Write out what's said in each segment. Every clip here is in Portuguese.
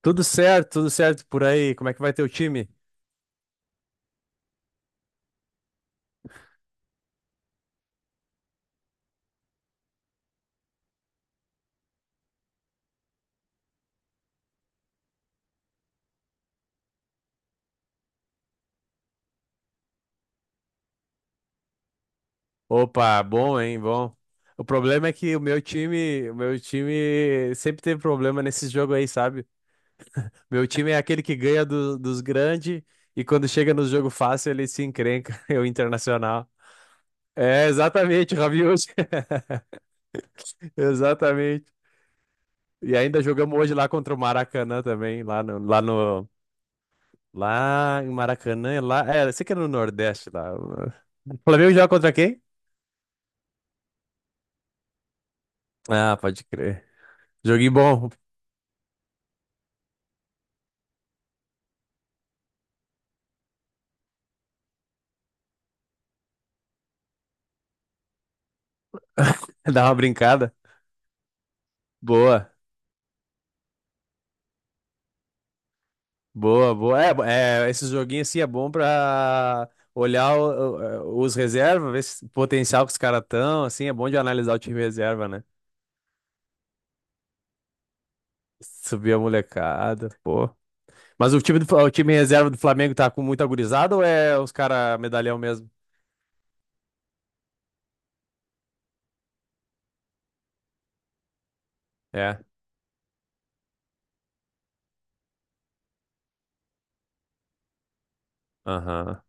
Tudo certo por aí. Como é que vai teu time? Opa, bom, hein, bom. O problema é que o meu time sempre teve problema nesse jogo aí, sabe? Meu time é aquele que ganha dos grandes e quando chega no jogo fácil ele se encrenca, é o Internacional. É, exatamente, o Rabiot. Exatamente. E ainda jogamos hoje lá contra o Maracanã também, lá no, lá no, lá em Maracanã, lá, é, eu sei que é no Nordeste lá. O Flamengo joga contra quem? Ah, pode crer. Joguinho bom, dá uma brincada. Boa, boa, boa. Esse joguinho assim é bom pra olhar os reservas, ver se- o potencial que os caras estão, assim, é bom de analisar o time reserva, né? Subir a molecada, pô. Mas o time do, o time reserva do Flamengo tá com muita gurizada ou é os caras medalhão mesmo? É, aham.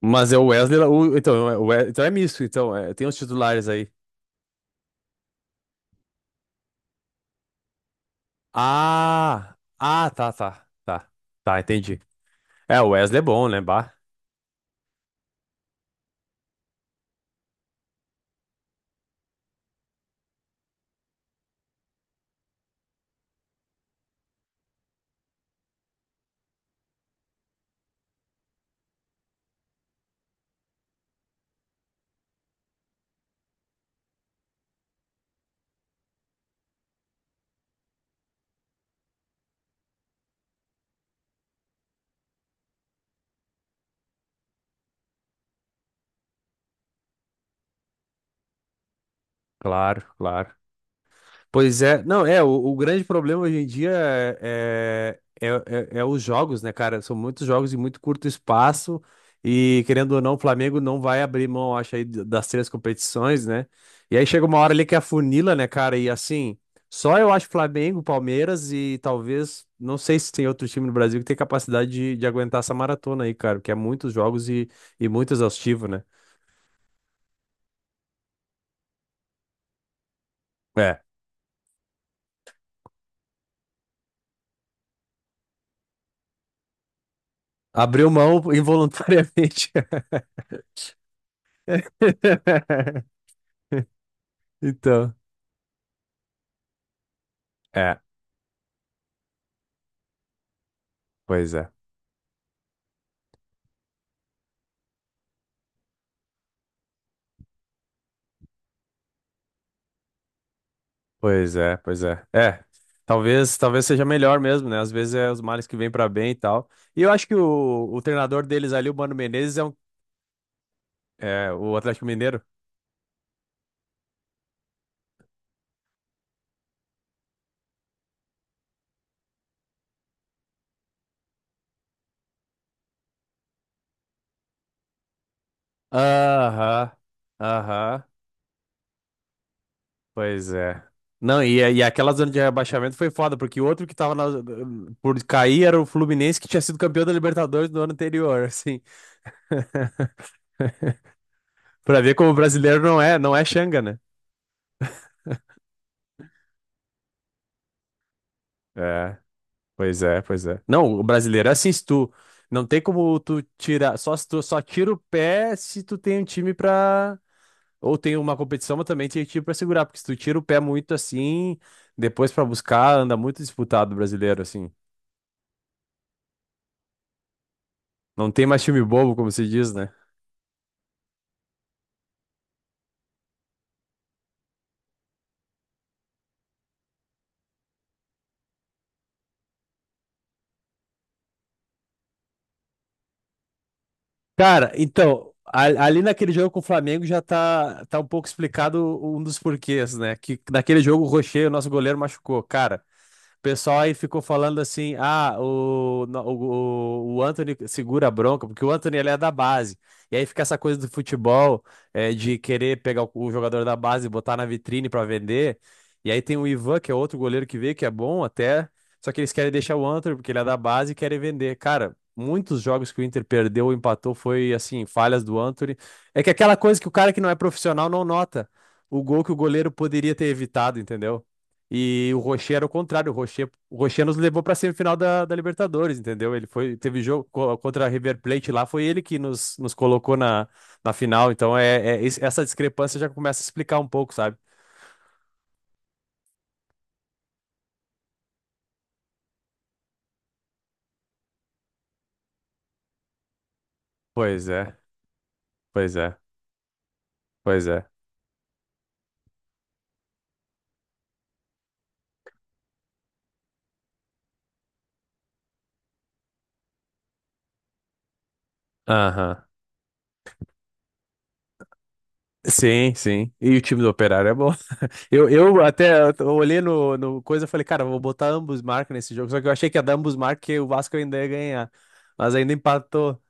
Mas é o Wesley, então, é o então é misto, então, é, tem os titulares aí. Ah, ah, tá, entendi. É, o Wesley é bom, né, bah? Claro, claro. Pois é, não, é, o grande problema hoje em dia é, é, é, é os jogos, né, cara? São muitos jogos em muito curto espaço e, querendo ou não, o Flamengo não vai abrir mão, acho, aí das três competições, né? E aí chega uma hora ali que afunila, né, cara? E assim, só eu acho Flamengo, Palmeiras e talvez, não sei se tem outro time no Brasil que tem capacidade de aguentar essa maratona aí, cara, porque é muitos jogos e muito exaustivo, né? É, abriu mão involuntariamente. Então. É, pois é. Pois é, pois é. É. Talvez, talvez seja melhor mesmo, né? Às vezes é os males que vêm pra bem e tal. E eu acho que o treinador deles ali, o Mano Menezes, é, um, é o Atlético Mineiro. Aham, aham, pois é. Não, e aquela zona de rebaixamento foi foda, porque o outro que tava por cair era o Fluminense, que tinha sido campeão da Libertadores no ano anterior, assim. Pra ver como o brasileiro não é, não é Xanga, né? É, pois é, pois é. Não, o brasileiro é assim, se tu. Não tem como tu tirar. Só se tu só tira o pé se tu tem um time pra. Ou tem uma competição, mas também tem time pra segurar. Porque se tu tira o pé muito assim, depois pra buscar, anda muito disputado o brasileiro, assim. Não tem mais time bobo, como se diz, né? Cara, então, ali naquele jogo com o Flamengo já tá, um pouco explicado um dos porquês, né? Que naquele jogo o Rocher, o nosso goleiro, machucou. Cara. O pessoal aí ficou falando assim: ah, o, o Anthony segura a bronca, porque o Anthony ele é da base. E aí fica essa coisa do futebol, é, de querer pegar o jogador da base e botar na vitrine pra vender. E aí tem o Ivan, que é outro goleiro que veio, que é bom até. Só que eles querem deixar o Anthony, porque ele é da base e querem vender. Cara, muitos jogos que o Inter perdeu ou empatou foi assim, falhas do Anthony. É que aquela coisa que o cara que não é profissional não nota o gol que o goleiro poderia ter evitado, entendeu? E o Rocher era o contrário, o Rocher nos levou para a semifinal da, da Libertadores, entendeu? Ele foi, teve jogo contra a River Plate lá, foi ele que nos, nos colocou na, na final, então é, essa discrepância já começa a explicar um pouco, sabe? Pois é, pois é, pois é. Aham. Sim, sim. E o time do Operário é bom. Eu até eu olhei no, no coisa e falei, cara, eu vou botar ambos marcas nesse jogo, só que eu achei que ia dar ambos marcas que o Vasco ainda ia ganhar, mas ainda empatou.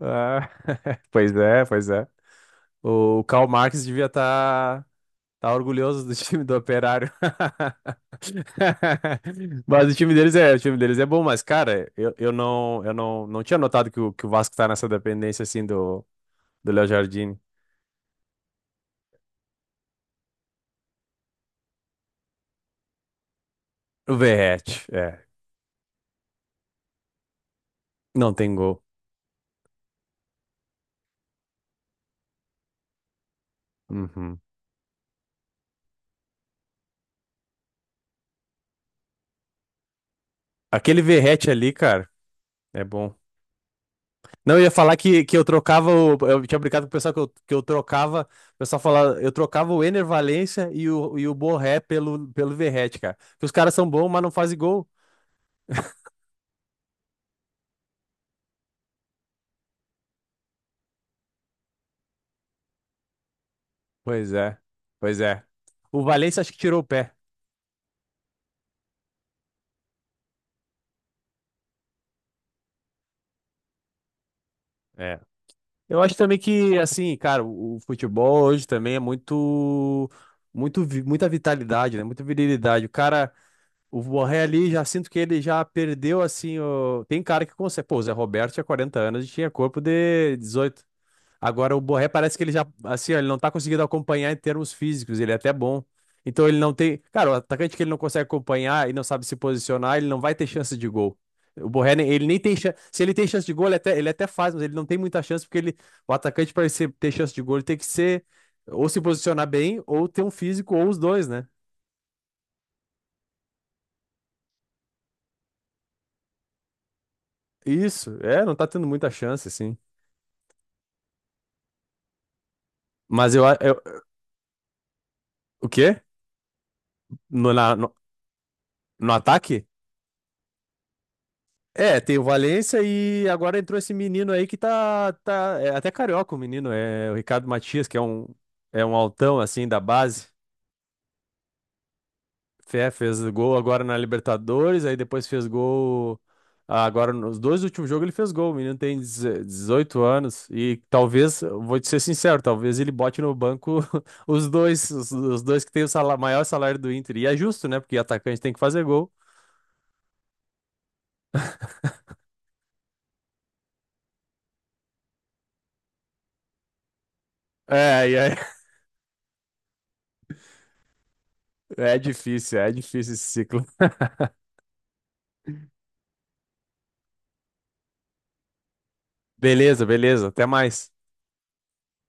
Ah, pois é, pois é. O Karl Marx devia estar orgulhoso do time do Operário. Mas o time deles é, o time deles é bom, mas cara, eu não, eu, não, não tinha notado que o Vasco tá nessa dependência assim do do Léo Jardim. O Verratti, é, não tem gol. Uhum. Aquele Verratti ali, cara, é bom. Não, eu ia falar que eu trocava o. Eu tinha brincado com o pessoal que eu trocava. O pessoal falava, eu trocava o Ener Valencia e o Borré pelo, pelo Verratti, cara. Porque os caras são bons, mas não fazem gol. Pois é, pois é. O Valencia acho que tirou o pé. É. Eu acho também que, assim, cara, o futebol hoje também é muito, muito, muita vitalidade, né? Muita virilidade. O cara, o Borré ali, já sinto que ele já perdeu, assim, o tem cara que consegue. Pô, o Zé Roberto tinha 40 anos e tinha corpo de 18. Agora o Borré parece que ele já, assim, ó, ele não tá conseguindo acompanhar em termos físicos, ele é até bom. Então ele não tem, cara, o atacante que ele não consegue acompanhar e não sabe se posicionar, ele não vai ter chance de gol. O Borré, ele nem tem chance, se ele tem chance de gol, ele até faz, mas ele não tem muita chance porque ele, o atacante para ter chance de gol, ele tem que ser ou se posicionar bem ou ter um físico ou os dois, né? Isso, é, não tá tendo muita chance assim. Mas eu, eu o quê? No, no, no ataque? É, tem o Valência e agora entrou esse menino aí que tá, tá é até carioca o menino, é o Ricardo Matias, que é um altão assim da base. Fé, fez gol agora na Libertadores, aí depois fez gol. Ah, agora, nos dois últimos jogos ele fez gol. O menino tem 18 anos e talvez, vou te ser sincero, talvez ele bote no banco os dois que tem o maior salário do Inter. E é justo, né? Porque atacante tem que fazer gol. É, e é, é difícil esse ciclo. Beleza, beleza. Até mais.